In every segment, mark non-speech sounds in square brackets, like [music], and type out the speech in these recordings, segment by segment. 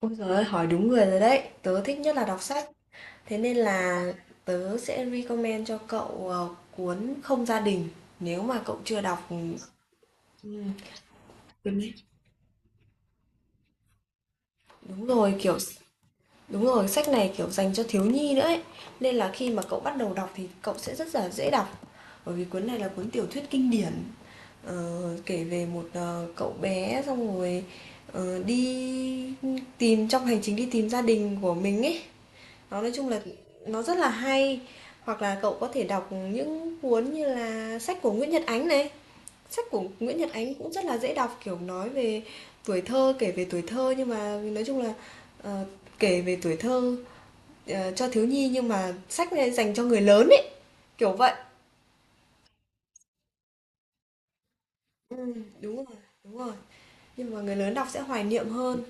Ôi giời ơi, hỏi đúng người rồi đấy. Tớ thích nhất là đọc sách. Thế nên là tớ sẽ recommend cho cậu cuốn Không gia đình. Nếu mà cậu chưa đọc, ừ, đúng rồi, kiểu đúng rồi, sách này kiểu dành cho thiếu nhi nữa ấy. Nên là khi mà cậu bắt đầu đọc thì cậu sẽ rất là dễ đọc. Bởi vì cuốn này là cuốn tiểu thuyết kinh điển. Ờ, kể về một cậu bé xong rồi đi tìm trong hành trình đi tìm gia đình của mình ấy. Nó nói chung là nó rất là hay, hoặc là cậu có thể đọc những cuốn như là sách của Nguyễn Nhật Ánh này. Sách của Nguyễn Nhật Ánh cũng rất là dễ đọc, kiểu, nói về tuổi thơ, kể về tuổi thơ nhưng mà nói chung là, ờ, kể về tuổi thơ, cho thiếu nhi nhưng mà sách này dành cho người lớn ấy, kiểu vậy. Ừm, đúng rồi, đúng rồi, nhưng mà người lớn đọc sẽ hoài niệm hơn.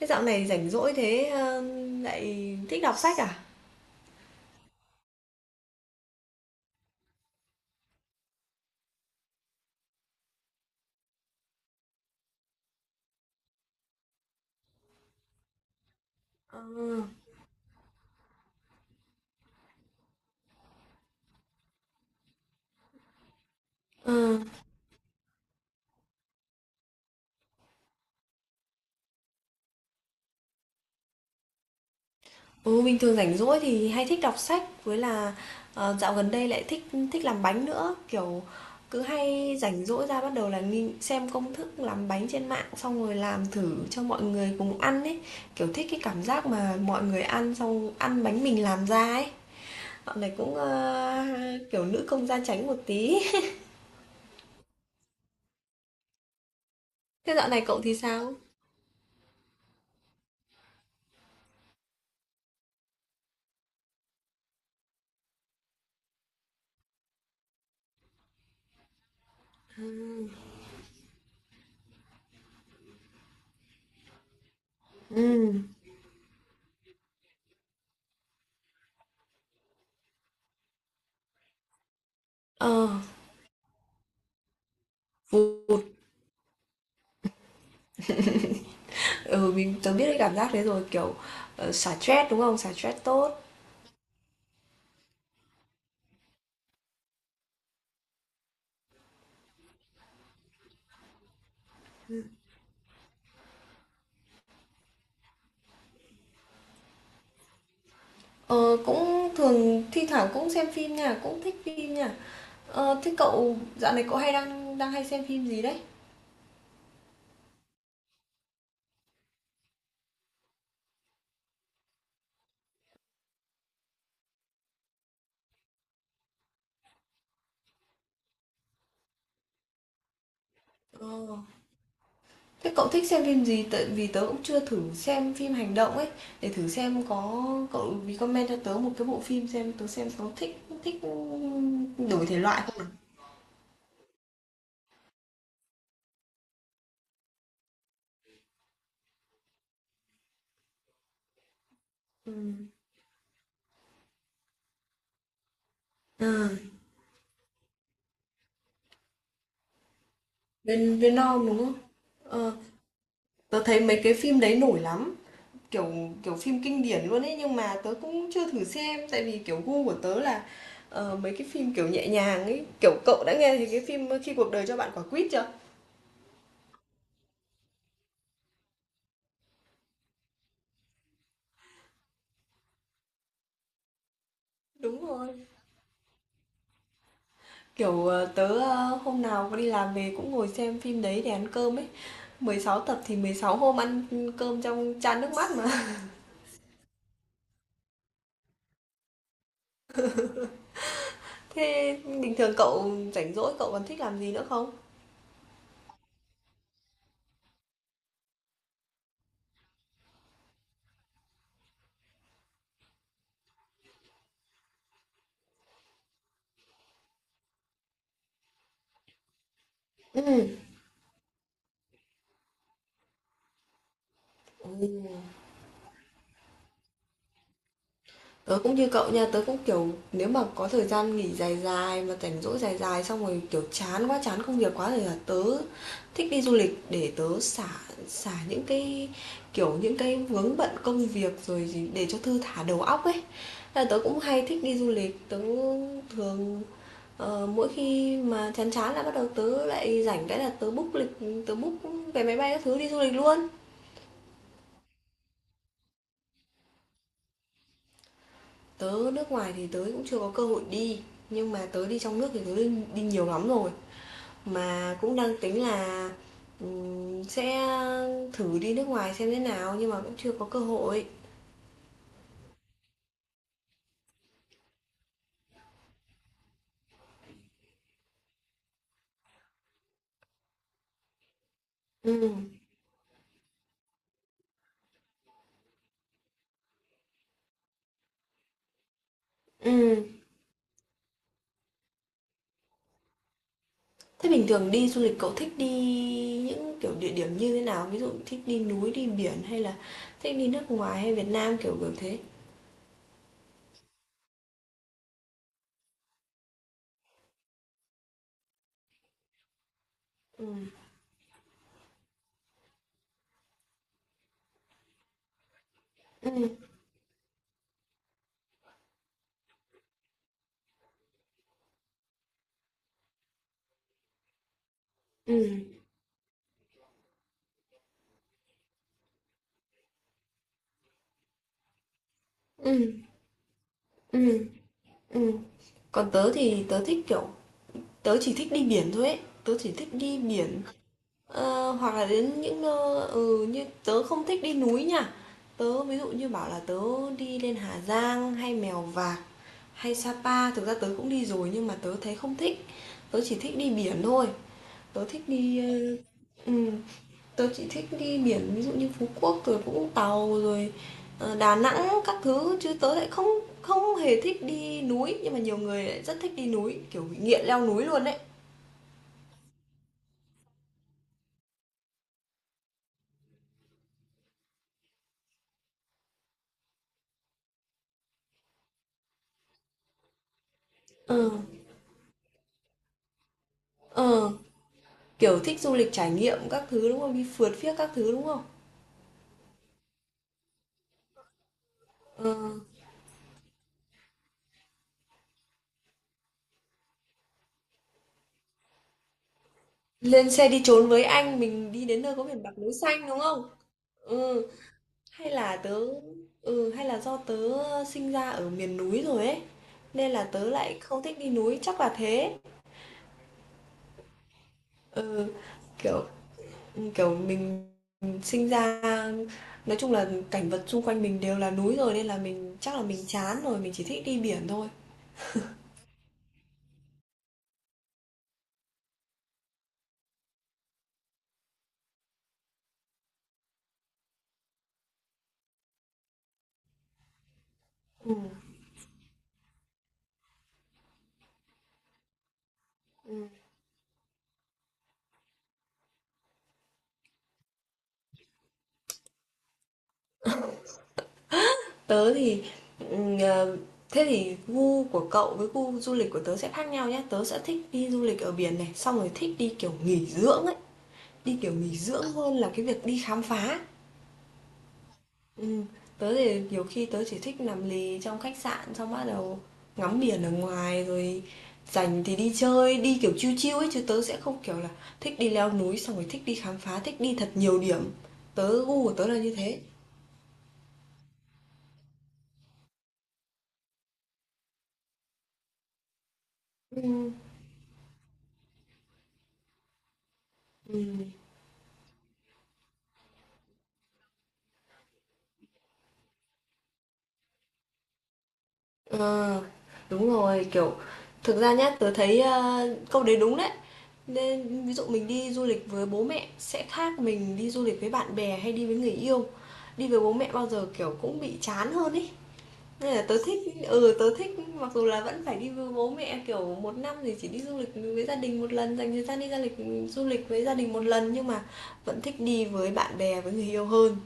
Thế dạo này rảnh rỗi thế, lại thích đọc sách à? Ờ, ờ. Ừ, bình thường rảnh rỗi thì hay thích đọc sách với là dạo gần đây lại thích thích làm bánh nữa, kiểu cứ hay rảnh rỗi ra bắt đầu là xem công thức làm bánh trên mạng xong rồi làm thử cho mọi người cùng ăn ấy, kiểu thích cái cảm giác mà mọi người ăn xong ăn bánh mình làm ra ấy. Dạo này cũng kiểu nữ công gia chánh một tí. [laughs] Thế dạo này cậu thì sao? Ừ. Ừ. Ờ, vụt. Ừ, mình tớ biết cái cảm giác đấy rồi, kiểu xả stress đúng không? Xả stress tốt. Ờ, cũng thường thi thoảng cũng xem phim nha, cũng thích phim nha. Ờ, thế cậu dạo này cậu hay đang đang hay xem phim gì đấy? Ờ, thế cậu thích xem phim gì? Tại vì tớ cũng chưa thử xem phim hành động ấy, để thử xem có cậu recommend cho tớ một cái bộ phim xem tớ xem có thích thích đổi thể loại không nào. Ừ. À, bên Vietnam đúng không? Ờ, tớ thấy mấy cái phim đấy nổi lắm. Kiểu kiểu phim kinh điển luôn ấy, nhưng mà tớ cũng chưa thử xem, tại vì, kiểu, gu của tớ là, mấy cái phim, kiểu, nhẹ nhàng ấy. Kiểu, cậu đã nghe thấy cái phim Khi cuộc đời cho bạn quả quýt chưa? Đúng rồi. Kiểu, tớ, hôm nào đi làm về cũng ngồi xem phim đấy để ăn cơm ấy. 16 tập thì 16 hôm ăn cơm trong chan nước mắt mà. [laughs] Thế bình thường cậu rảnh rỗi cậu còn thích làm gì nữa không? Ừm, ừm. Tớ cũng như cậu nha, tớ cũng kiểu nếu mà có thời gian nghỉ dài dài mà rảnh rỗi dài dài xong rồi kiểu chán quá, chán công việc quá thì là tớ thích đi du lịch để tớ xả xả những cái vướng bận công việc rồi gì để cho thư thả đầu óc ấy. Thế là tớ cũng hay thích đi du lịch, tớ thường mỗi khi mà chán chán là bắt đầu tớ lại rảnh cái là tớ book lịch, tớ book vé máy bay các thứ đi du lịch luôn. Tớ nước ngoài thì tớ cũng chưa có cơ hội đi, nhưng mà tớ đi trong nước thì tớ đi đi nhiều lắm rồi, mà cũng đang tính là, sẽ thử đi nước ngoài xem thế nào nhưng mà cũng chưa có cơ hội. Ừ. Ừ. Thế bình thường đi du lịch cậu thích đi những, kiểu, địa điểm như thế nào? Ví dụ thích đi núi, đi biển hay là thích đi nước ngoài hay Việt Nam, kiểu thế? Ừ. Ừ. Ừ. Ừ. Ừm, ừm. Còn tớ thì tớ chỉ thích đi biển thôi ấy, tớ chỉ thích đi biển. Ờ, hoặc là đến những nơi như tớ không thích đi núi nha. Tớ ví dụ như bảo là tớ đi lên Hà Giang hay Mèo Vạc hay Sapa, thực ra tớ cũng đi rồi nhưng mà tớ thấy không thích. Tớ chỉ thích đi biển thôi. Tớ thích đi ờ, ừ, tớ chỉ thích đi biển ví dụ như Phú Quốc rồi Vũng Tàu rồi Đà Nẵng các thứ chứ tớ lại không không hề thích đi núi nhưng mà nhiều người lại rất thích đi núi, kiểu bị nghiện leo núi luôn đấy. Ừ. Ừ. Kiểu thích du lịch trải nghiệm các thứ, đúng không? Đi phượt phiếc các thứ, đúng không? Ờ, lên xe đi trốn với anh, mình đi đến nơi có biển bạc núi xanh, đúng không? Ừ, hay là tớ hay là do tớ sinh ra ở miền núi rồi ấy, nên là tớ lại không thích đi núi, chắc là thế. Ừ, kiểu kiểu mình sinh ra nói chung là cảnh vật xung quanh mình đều là núi rồi nên là mình chắc là mình chán rồi, mình chỉ thích đi biển thôi. Ừ. Ừ. Tớ thì, ờ, thế thì gu của cậu với gu du lịch của tớ sẽ khác nhau nhé. Tớ sẽ thích đi du lịch ở biển này, xong rồi thích đi kiểu nghỉ dưỡng ấy, đi kiểu nghỉ dưỡng hơn là cái việc đi khám phá. Ừm, tớ thì nhiều khi tớ chỉ thích nằm lì trong khách sạn xong bắt đầu ngắm biển ở ngoài rồi rảnh thì đi chơi, đi kiểu chill chill ấy chứ tớ sẽ không kiểu là thích đi leo núi xong rồi thích đi khám phá, thích đi thật nhiều điểm. Tớ gu của tớ là như thế. Ừm, ừm. Ờ, đúng rồi, kiểu, thực ra nhá, tớ thấy câu đấy đúng đấy. Nên ví dụ mình đi du lịch với bố mẹ sẽ khác mình đi du lịch với bạn bè hay đi với người yêu. Đi với bố mẹ bao giờ kiểu cũng bị chán hơn ý. Nên là tớ thích mặc dù là vẫn phải đi với bố mẹ kiểu một năm thì chỉ đi du lịch với gia đình một lần, dành thời gian đi du lịch với gia đình một lần nhưng mà vẫn thích đi với bạn bè với người yêu hơn.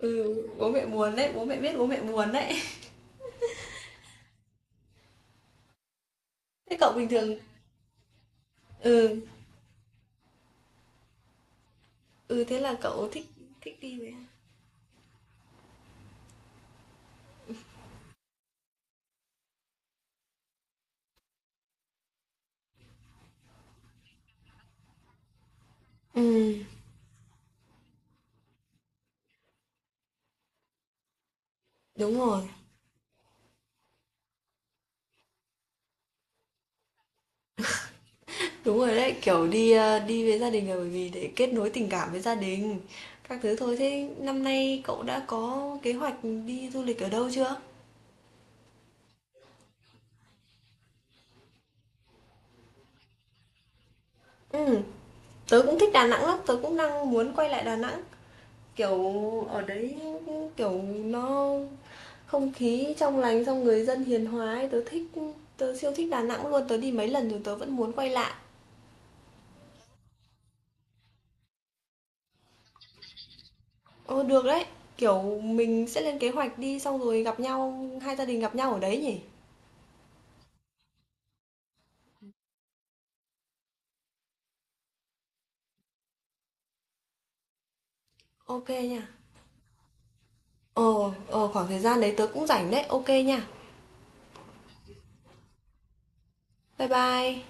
Ừ, bố mẹ buồn đấy, bố mẹ biết bố mẹ buồn đấy. Thế cậu bình thường. Ừ. Ừ, thế là cậu thích thích đi với ai? Ừ, đúng rồi. Đúng rồi đấy, kiểu đi với gia đình là bởi vì để kết nối tình cảm với gia đình. Các thứ thôi. Thế năm nay cậu đã có kế hoạch đi du lịch ở đâu chưa? Ừ, tớ cũng thích Đà Nẵng lắm, tớ cũng đang muốn quay lại Đà Nẵng. Kiểu ở đấy kiểu nó không khí trong lành xong người dân hiền hòa ấy, tớ siêu thích Đà Nẵng luôn, tớ đi mấy lần rồi tớ vẫn muốn quay lại. Ờ, được đấy. Kiểu mình sẽ lên kế hoạch đi xong rồi gặp nhau, hai gia đình gặp nhau ở đấy nhỉ? Ok nha. Ờ, ờ, khoảng thời gian đấy tớ cũng rảnh đấy. Ok nha. Bye bye.